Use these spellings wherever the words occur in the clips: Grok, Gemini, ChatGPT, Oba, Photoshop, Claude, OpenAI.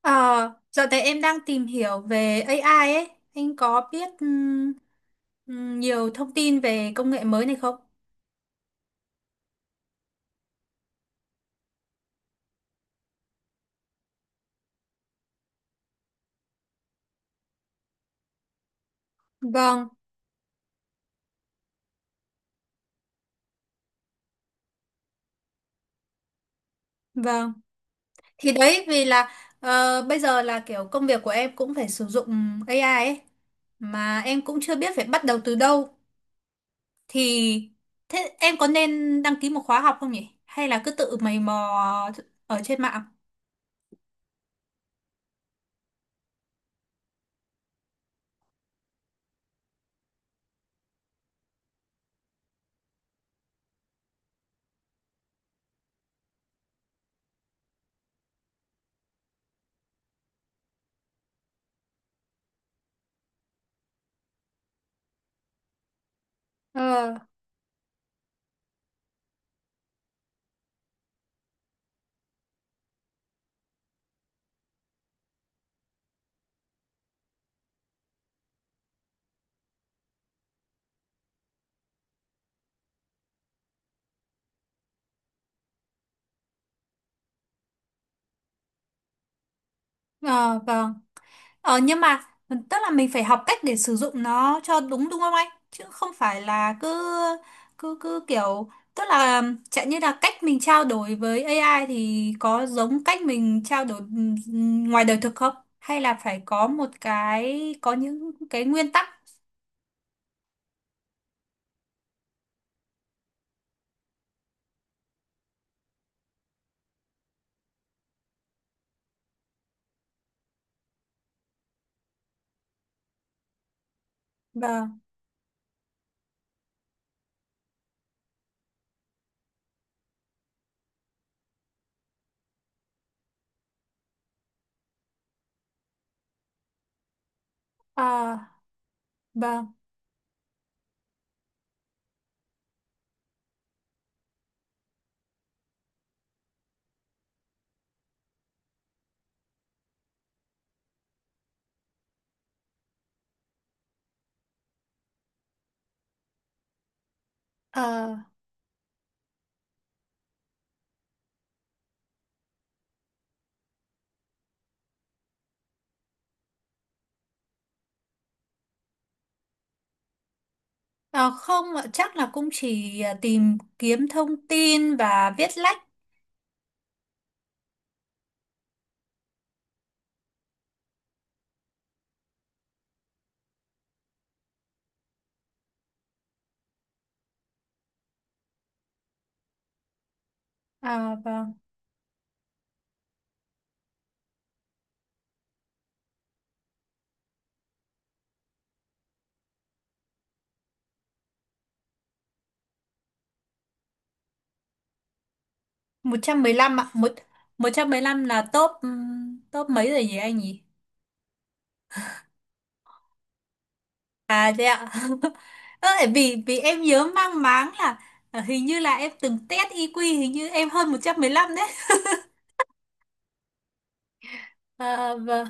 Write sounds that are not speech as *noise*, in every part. Ờ, Dạo này em đang tìm hiểu về AI ấy. Anh có biết nhiều thông tin về công nghệ mới này không? Vâng, vâng. Thì đấy vì là bây giờ là kiểu công việc của em cũng phải sử dụng AI ấy. Mà em cũng chưa biết phải bắt đầu từ đâu. Thì thế em có nên đăng ký một khóa học không nhỉ? Hay là cứ tự mày mò ở trên mạng? Ờ, ờ, vâng. Nhưng mà tức là mình phải học cách để sử dụng nó cho đúng, đúng không anh? Chứ không phải là cứ cứ cứ kiểu, tức là chẳng như là cách mình trao đổi với AI thì có giống cách mình trao đổi ngoài đời thực không? Hay là phải có những cái nguyên tắc? Vâng. Ờ vâng. Ờ ờ, Không ạ, chắc là cũng chỉ tìm kiếm thông tin và viết lách. Ờ vâng. 115 ạ. Một trăm mười lăm là top, top mấy rồi nhỉ anh nhỉ? À thế ạ. *laughs* Ơ, vì vì em nhớ mang máng là hình như là em từng test IQ, hình như em hơn 115 đấy. Ờ, vâng,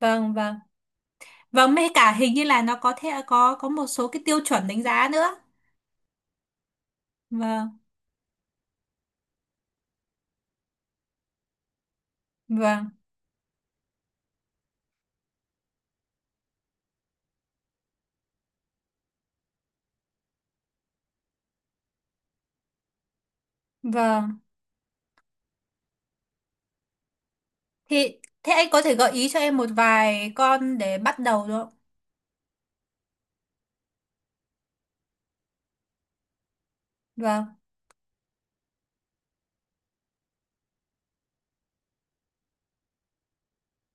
vâng, vâng. Vâng, mê cả hình như là nó có thể có một số cái tiêu chuẩn đánh giá nữa. Vâng, vâng, vâng. Thì thế anh có thể gợi ý cho em một vài con để bắt đầu được không? Vâng.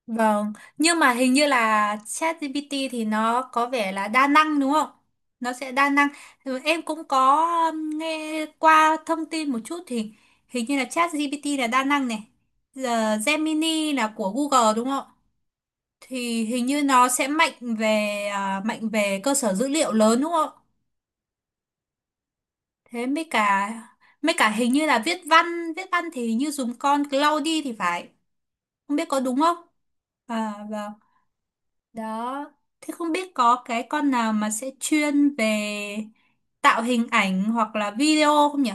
Vâng, nhưng mà hình như là ChatGPT thì nó có vẻ là đa năng đúng không? Nó sẽ đa năng. Ừ, em cũng có nghe qua thông tin một chút thì hình như là ChatGPT là đa năng này. Giờ Gemini là của Google đúng không? Thì hình như nó sẽ mạnh về cơ sở dữ liệu lớn đúng không? Thế mới cả hình như là viết văn thì hình như dùng con Claude thì phải. Không biết có đúng không? À vâng. Đó, thế không biết có cái con nào mà sẽ chuyên về tạo hình ảnh hoặc là video không nhỉ?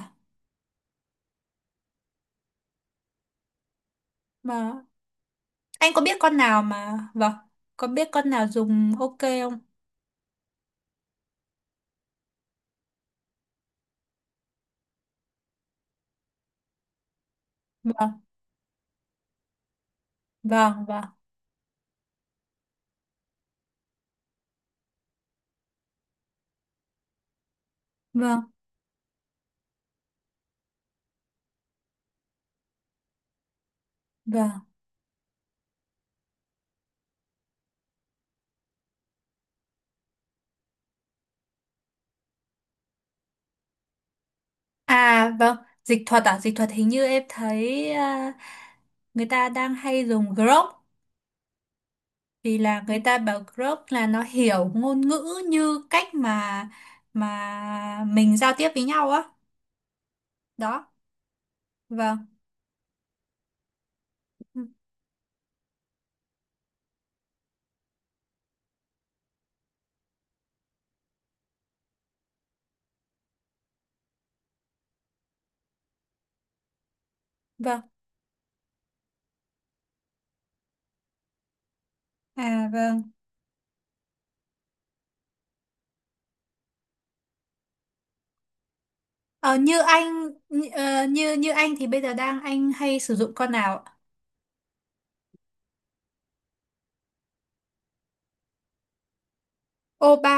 Mà anh có biết con nào mà Vâng, có biết con nào dùng ok không? Vâng, vâng, vâng, vâng, vâng. À vâng, dịch thuật hình như em thấy, à, người ta đang hay dùng Grok vì là người ta bảo Grok là nó hiểu ngôn ngữ như cách mà mình giao tiếp với nhau á. Đó, vâng, vâng. À vâng. Ờ, như anh như, ờ, như như anh thì bây giờ anh hay sử dụng con nào ạ? Oba.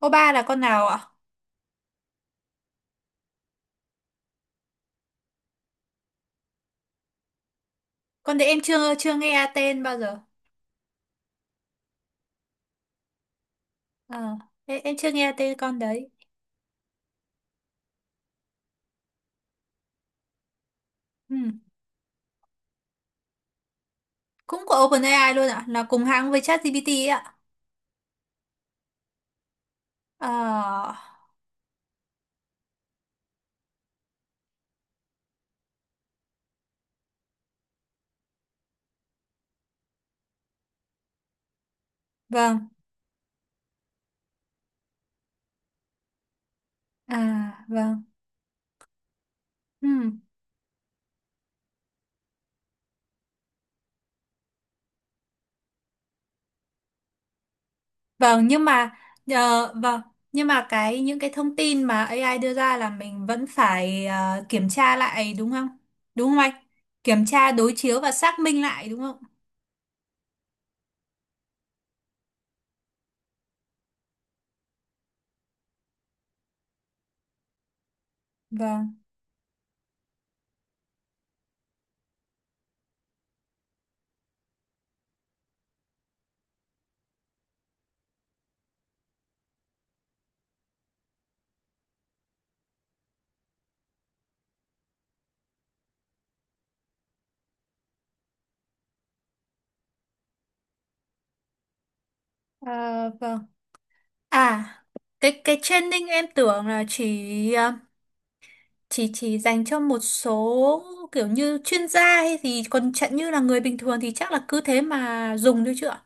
Oba là con nào ạ? Con đấy em chưa chưa nghe tên bao giờ. Ờ, em chưa nghe tên con đấy. Ừ. Cũng của OpenAI luôn ạ, là cùng hãng với ChatGPT ấy ạ. Ờ, vâng. À vâng. Ừ. Vâng nhưng mà vâng, nhưng mà cái những cái thông tin mà AI đưa ra là mình vẫn phải kiểm tra lại đúng không? Đúng không anh? Kiểm tra đối chiếu và xác minh lại đúng không? Vâng. À, vâng. À, cái training em tưởng là chỉ ờ, chỉ dành cho một số kiểu như chuyên gia hay gì, còn chẳng như là người bình thường thì chắc là cứ thế mà dùng thôi chứ ạ.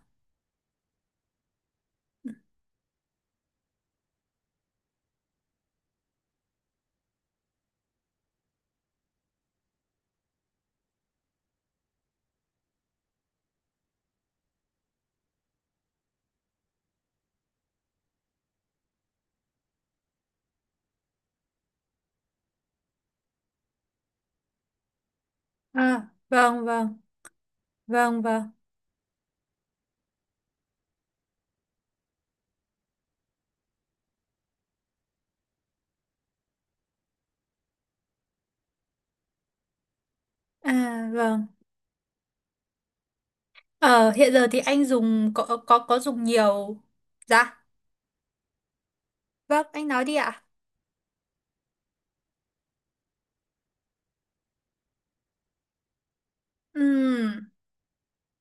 À, vâng, vâng, vâng, vâng. À vâng. Ờ Hiện giờ thì anh dùng có dùng nhiều? Dạ, vâng, anh nói đi ạ. Ừm,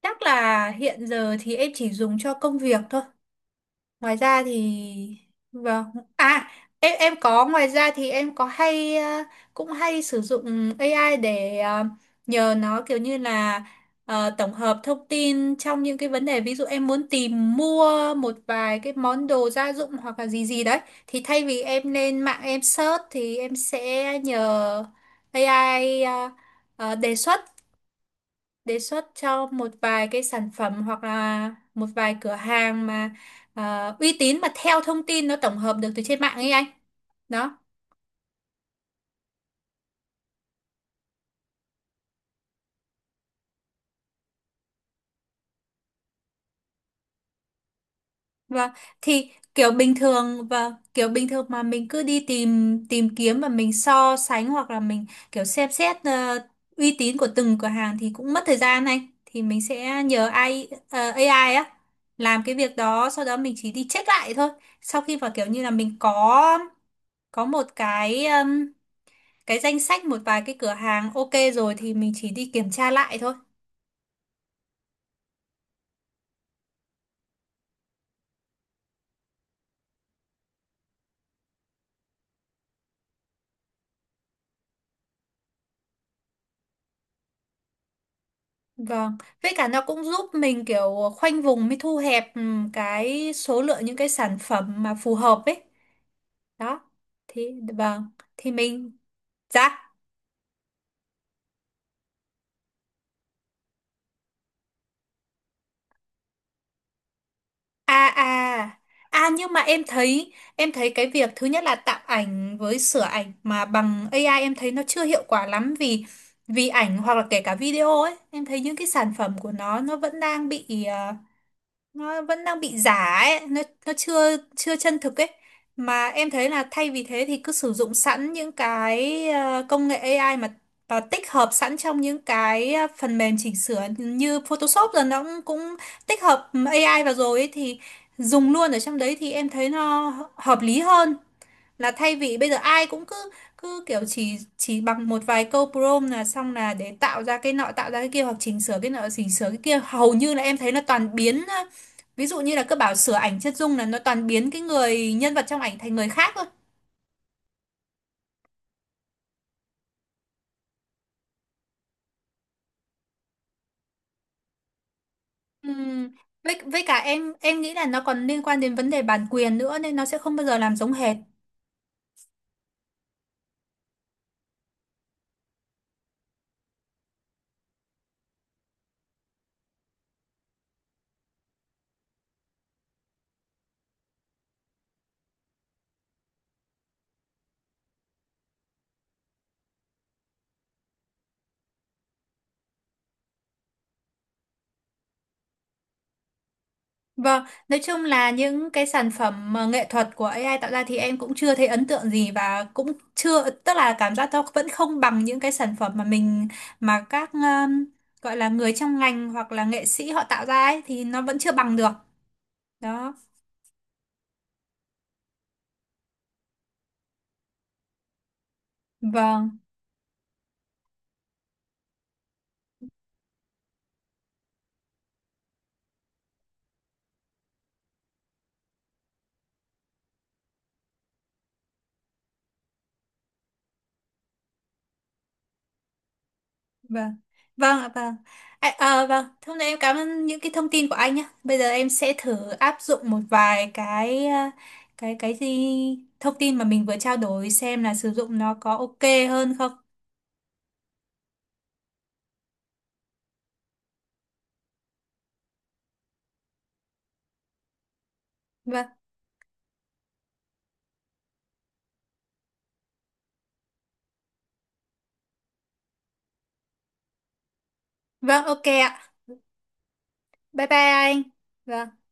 Chắc là hiện giờ thì em chỉ dùng cho công việc thôi. Ngoài ra thì, vâng. À, em có, ngoài ra thì em có hay cũng hay sử dụng AI để nhờ nó kiểu như là, tổng hợp thông tin trong những cái vấn đề, ví dụ em muốn tìm mua một vài cái món đồ gia dụng hoặc là gì gì đấy thì thay vì em lên mạng em search thì em sẽ nhờ AI, ờ, đề xuất đề xuất cho một vài cái sản phẩm hoặc là một vài cửa hàng mà uy tín, mà theo thông tin nó tổng hợp được từ trên mạng ấy anh. Đó. Và thì kiểu bình thường và kiểu bình thường mà mình cứ đi tìm tìm kiếm và mình so sánh hoặc là mình kiểu xem xét uy tín của từng cửa hàng thì cũng mất thời gian anh, thì mình sẽ nhờ AI, AI á, làm cái việc đó, sau đó mình chỉ đi check lại thôi, sau khi mà kiểu như là mình có một cái danh sách một vài cái cửa hàng ok rồi thì mình chỉ đi kiểm tra lại thôi. Vâng, với cả nó cũng giúp mình kiểu khoanh vùng mới thu hẹp, cái số lượng những cái sản phẩm mà phù hợp ấy. Đó. Thì, vâng. Thì mình, dạ. à à nhưng mà em thấy cái việc thứ nhất là tạo ảnh với sửa ảnh mà bằng AI em thấy nó chưa hiệu quả lắm, vì vì ảnh hoặc là kể cả video ấy, em thấy những cái sản phẩm của nó vẫn đang bị giả ấy, nó chưa chưa chân thực ấy. Mà em thấy là thay vì thế thì cứ sử dụng sẵn những cái công nghệ AI, mà và tích hợp sẵn trong những cái phần mềm chỉnh sửa như Photoshop rồi, nó cũng tích hợp AI vào rồi ấy, thì dùng luôn ở trong đấy thì em thấy nó hợp lý hơn, là thay vì bây giờ ai cũng cứ cứ kiểu chỉ bằng một vài câu prompt là xong, là để tạo ra cái nọ tạo ra cái kia hoặc chỉnh sửa cái nọ chỉnh sửa cái kia. Hầu như là em thấy là toàn biến, ví dụ như là cứ bảo sửa ảnh chân dung là nó toàn biến cái người nhân vật trong ảnh thành người khác thôi. Ừm, với cả em nghĩ là nó còn liên quan đến vấn đề bản quyền nữa nên nó sẽ không bao giờ làm giống hệt. Vâng, nói chung là những cái sản phẩm mà nghệ thuật của AI tạo ra thì em cũng chưa thấy ấn tượng gì và cũng chưa, tức là cảm giác nó vẫn không bằng những cái sản phẩm mà mình mà các, gọi là người trong ngành hoặc là nghệ sĩ họ tạo ra ấy thì nó vẫn chưa bằng được. Đó. Vâng, vâng. Vâng ạ, vâng. À, vâng, thế hôm nay em cảm ơn những cái thông tin của anh nhé. Bây giờ em sẽ thử áp dụng một vài cái ờ, cái gì thông tin mà mình vừa trao đổi xem là sử dụng nó có ok hơn không. Vâng. Vâng, ok ạ. Bye bye anh. Vâng.